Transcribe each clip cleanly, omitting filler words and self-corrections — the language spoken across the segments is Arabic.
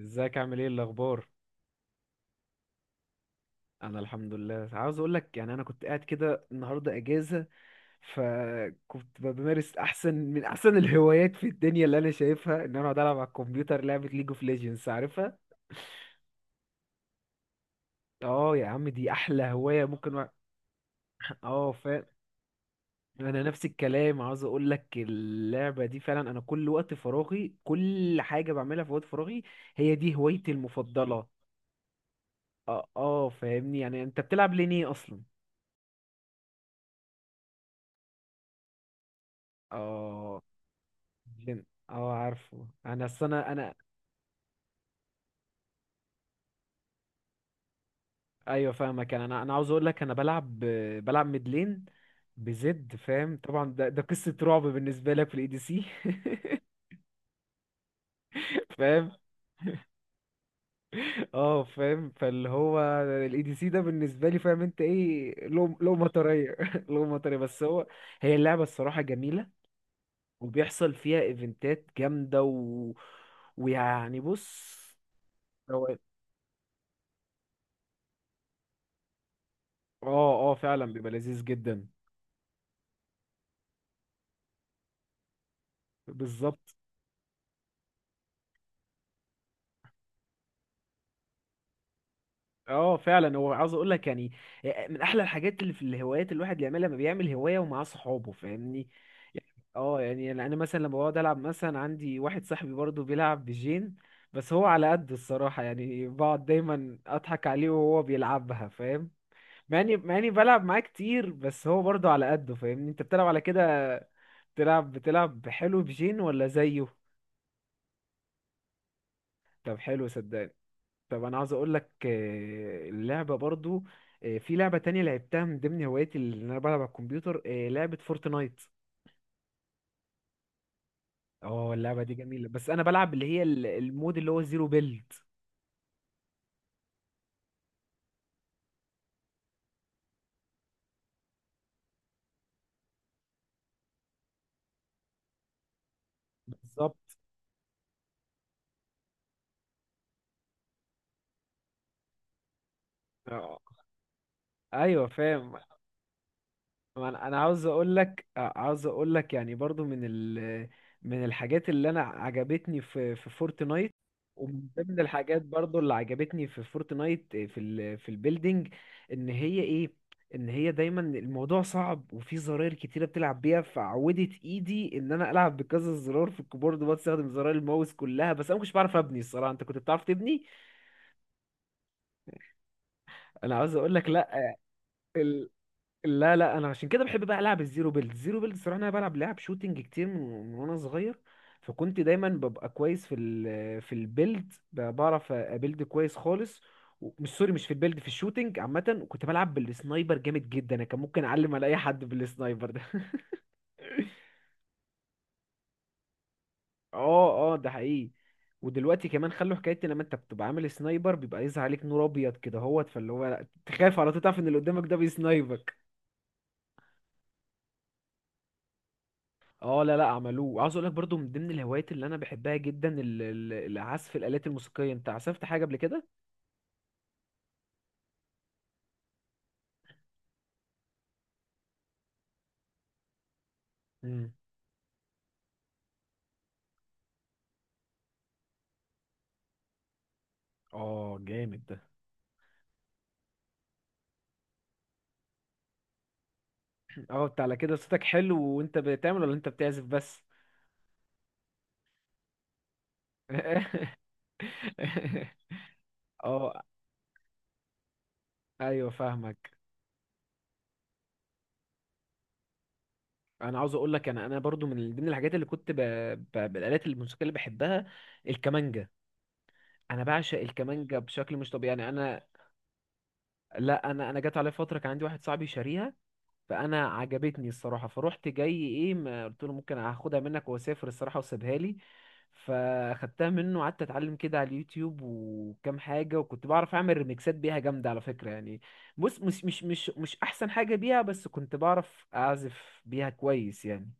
ازيك عامل ايه الاخبار؟ انا الحمد لله. عاوز اقول لك، يعني انا كنت قاعد كده النهارده اجازه. فكنت بمارس احسن من احسن الهوايات في الدنيا، اللي انا شايفها ان انا اقعد العب على الكمبيوتر لعبه ليج اوف ليجندز، عارفها؟ اه يا عم، دي احلى هوايه ممكن اه، فاهم. انا نفس الكلام. عاوز اقول لك، اللعبه دي فعلا انا كل وقت فراغي، كل حاجه بعملها في وقت فراغي. هي دي هوايتي المفضله. اه، اه، فاهمني. يعني انت بتلعب ليه اصلا؟ اه. جن. اه، عارفه. انا اصل انا. ايوه، فاهمك. يعني انا عاوز اقول لك انا بلعب. بلعب ميدلين. بزد، فاهم طبعا. ده قصة رعب بالنسبة لك في الاي دي سي. فاهم. اه، فاهم. فاللي هو الاي دي سي ده بالنسبة لي، فاهم انت ايه، لو مطرية. لو مطرية. بس هو هي اللعبة الصراحة جميلة. وبيحصل فيها ايفنتات جامدة ويعني، بص. هو. اه، اه، فعلا بيبقى لذيذ جدا. بالظبط. اه، فعلا. هو عاوز اقول لك، يعني من احلى الحاجات اللي في الهوايات الواحد اللي يعملها لما بيعمل هوايه ومعاه صحابه، فاهمني؟ يعني. اه، يعني انا مثلا لما بقعد العب مثلا، عندي واحد صاحبي برضه بيلعب بجين. بس هو على قد الصراحه، يعني بقعد دايما اضحك عليه وهو بيلعبها، فاهم؟ مع اني بلعب معاه كتير، بس هو برضه على قده، فاهمني؟ انت بتلعب على كده، بتلعب حلو بجين ولا زيه؟ طب حلو، صدقني. طب، انا عاوز اقول لك اللعبه برضو. في لعبه تانية لعبتها من ضمن هواياتي اللي انا بلعب على الكمبيوتر، لعبه فورتنايت. اه، اللعبه دي جميله. بس انا بلعب اللي هي المود اللي هو زيرو بيلد. بالظبط. اه، ايوه، فاهم. ما انا عاوز اقول لك، عاوز اقول لك يعني برضو من الحاجات اللي انا عجبتني في فورتنايت. ومن ضمن الحاجات برضو اللي عجبتني في فورتنايت في البيلدينج. ان هي ايه، ان هي دايما الموضوع صعب وفي زراير كتيره بتلعب بيها، فعودت ايدي ان انا العب بكذا زرار في الكيبورد، بستخدم زراير الماوس كلها. بس انا مش بعرف ابني الصراحه. انت كنت بتعرف تبني؟ انا عاوز اقول لك، لا، لا، لا، انا عشان كده بحب بقى العب الزيرو بيلد. الصراحه انا بلعب لعب شوتينج كتير، من وانا صغير. فكنت دايما ببقى كويس في البيلد، بعرف ابيلد كويس خالص. مش، سوري، مش في البيلد، في الشوتينج عامه. وكنت بلعب بالسنايبر جامد جدا. انا كان ممكن اعلم على اي حد بالسنايبر ده. اه، اه، ده حقيقي. ودلوقتي كمان خلوا حكايه، إن لما انت بتبقى عامل سنايبر بيبقى يظهر عليك نور ابيض كده هوت، فاللي هو تخاف على طول، تعرف ان اللي قدامك ده بيسنايبر. اه، لا، لا، عملوه. عاوز اقول لك برضو من ضمن الهوايات اللي انا بحبها جدا العزف، الالات الموسيقيه. انت عزفت حاجه قبل كده؟ امم اه، جامد ده. اه، انت على كده صوتك حلو. وانت بتعمل ولا انت بتعزف بس؟ اه، ايوه، فاهمك. انا عاوز اقول لك انا برضو من ضمن الحاجات اللي كنت بالالات الموسيقيه اللي بحبها، الكمانجه. انا بعشق الكمانجه بشكل مش طبيعي، يعني انا. لا، انا جت عليا فتره كان عندي واحد صاحبي شاريها. فانا عجبتني الصراحه، فروحت جاي ايه، ما قلت له ممكن هاخدها منك واسافر الصراحه، وسيبها لي. فاخدتها منه وقعدت اتعلم كده على اليوتيوب وكام حاجه، وكنت بعرف اعمل ريميكسات بيها جامده على فكره يعني. بص، مش احسن حاجه بيها، بس كنت بعرف اعزف بيها كويس يعني.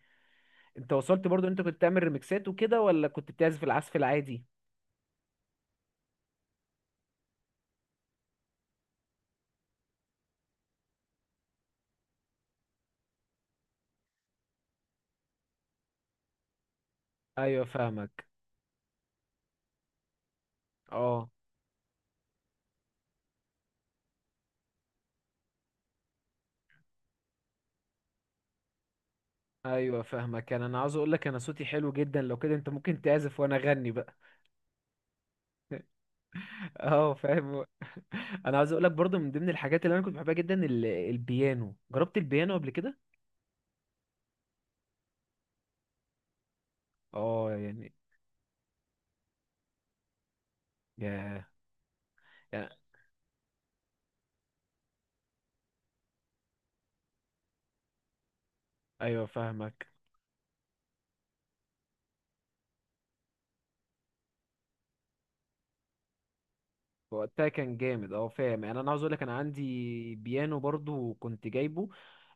انت وصلت برضو؟ انت كنت تعمل ريميكسات وكده ولا كنت بتعزف العزف العادي؟ ايوه، فاهمك. اه، ايوه، فاهمك. انا عاوز اقول لك انا صوتي حلو جدا. لو كده انت ممكن تعزف وانا اغني. اه، فاهم. انا عايز اقول لك برضو من ضمن الحاجات اللي انا كنت بحبها جدا البيانو. جربت البيانو قبل كده؟ اه، يعني. يا يا. ايوه، فاهمك. وقتها كان جامد. اه، فاهم. يعني انا عاوز اقول لك انا عندي بيانو برضو كنت جايبه.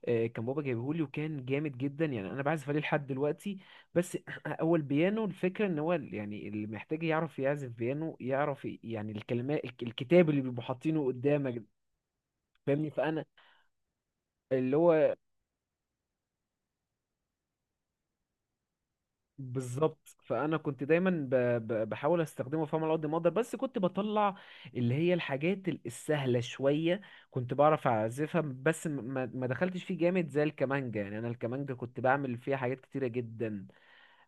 كان بابا جايبهولي وكان جامد جدا، يعني انا بعزف عليه لحد دلوقتي. بس هو البيانو الفكره ان هو يعني اللي محتاج يعرف يعزف بيانو، يعرف يعني الكلمات، الكتاب اللي بيبقوا حاطينه قدامك، فاهمني. فانا اللي هو بالظبط، فانا كنت دايما بحاول استخدمه، فاهم، على قد ما اقدر، بس كنت بطلع اللي هي الحاجات السهله شويه. كنت بعرف اعزفها. بس ما دخلتش فيه جامد زي الكمانجا. يعني انا الكمانجا كنت بعمل فيها حاجات كتيره جدا،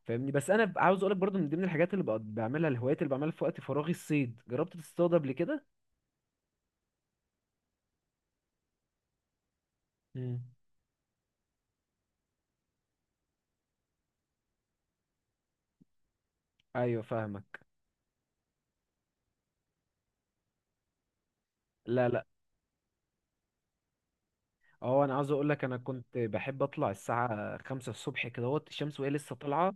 فاهمني. بس انا عاوز اقولك برضو من ضمن الحاجات اللي بقعد بعملها، الهوايات اللي بعملها في وقت فراغي، الصيد. جربت تصطاد قبل كده؟ مم. ايوه، فاهمك. لا، لا، اه، انا عاوز اقول لك، انا كنت بحب اطلع الساعه 5 الصبح، كدهوت الشمس وهي لسه طالعه.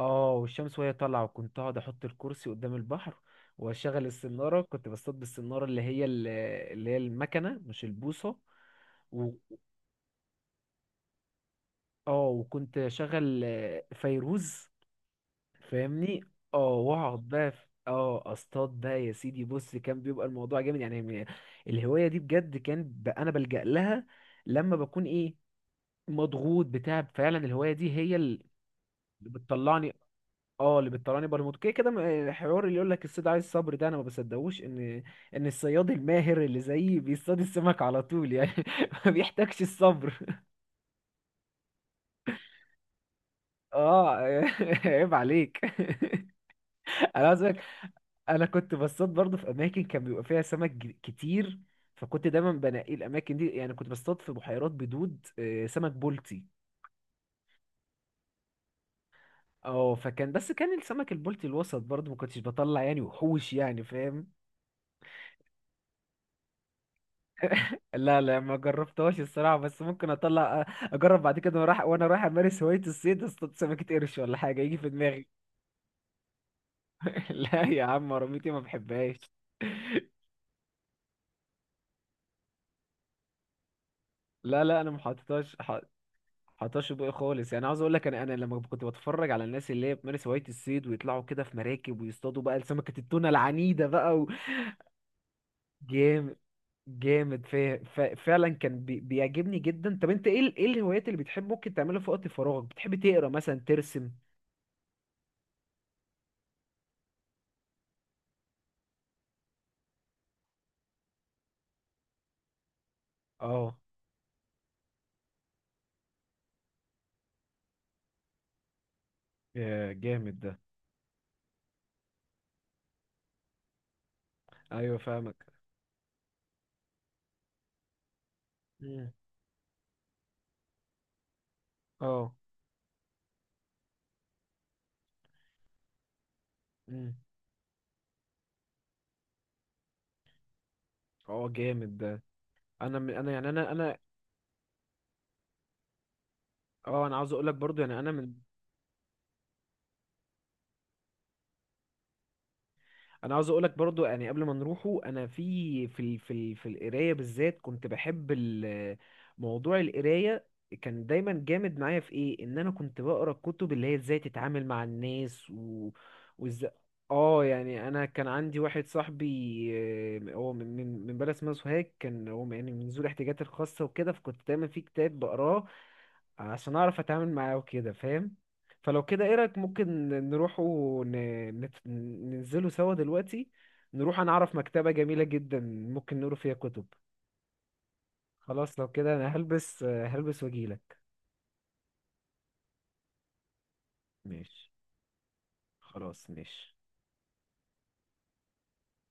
اه، والشمس وهي طالعة، وكنت اقعد احط الكرسي قدام البحر، واشغل السنارة. كنت بصطاد بالسنارة اللي هي اللي هي المكنة، مش البوصة. و... اه، وكنت اشغل فيروز، فاهمني. اه، واقعد بقى اه، اصطاد بقى يا سيدي. بص، كان بيبقى الموضوع جامد يعني. الهواية دي بجد كان انا بلجأ لها لما بكون ايه، مضغوط بتاع. فعلا الهواية دي هي اللي بتطلعني. اه، اللي بتطلعني برموت كده كده. الحوار اللي يقول لك الصيد عايز صبر ده، انا ما بصدقوش ان الصياد الماهر اللي زيي بيصطاد السمك على طول يعني. ما بيحتاجش الصبر. اه. عيب عليك. انا عايز أقولك، انا كنت بصطاد برضه في اماكن كان بيبقى فيها سمك كتير. فكنت دايما بنقي الاماكن دي، يعني كنت بصطاد في بحيرات بدود، سمك بولتي. اه، فكان، بس كان السمك البولتي الوسط برضه ما كنتش بطلع يعني وحوش يعني، فاهم؟ لا، لا، ما جربتهاش الصراحة. بس ممكن اطلع اجرب بعد كده. وانا رايح امارس هواية الصيد اصطاد سمكة قرش ولا حاجة يجي في دماغي. لا يا عم، رميتي ما بحبهاش. لا، لا، انا ما حطيتهاش. حطيتهاش في بقى خالص. يعني عاوز اقول لك، انا لما كنت بتفرج على الناس اللي هي بتمارس هواية الصيد ويطلعوا كده في مراكب ويصطادوا بقى سمكة التونة العنيدة بقى جامد. جامد. فعلا كان بيعجبني جدا. طب انت ايه ايه الهوايات اللي بتحب ممكن تعملها في وقت فراغك؟ بتحب تقرا مثلا، ترسم؟ اه. يا، جامد ده. ايوه، فاهمك. مم. اه. مم. اه، جامد ده. انا يعني انا. اه، انا عاوز اقول لك برضو يعني انا عاوز اقولك برضو، يعني قبل ما نروحه، انا في القرايه بالذات كنت بحب موضوع القرايه. كان دايما جامد معايا في ايه، ان انا كنت بقرا الكتب اللي هي ازاي تتعامل مع الناس، و وازاي. اه، يعني انا كان عندي واحد صاحبي، هو من بلد اسمها سوهاج. كان هو يعني من ذوي الاحتياجات الخاصه وكده، فكنت دايما في كتاب بقراه عشان اعرف اتعامل معاه وكده، فاهم. فلو كده، ايه رايك ممكن نروح ننزله سوا دلوقتي. نروح، انا اعرف مكتبة جميلة جدا ممكن نقرا فيها كتب. خلاص، لو كده انا هلبس واجيلك. ماشي، خلاص ماشي.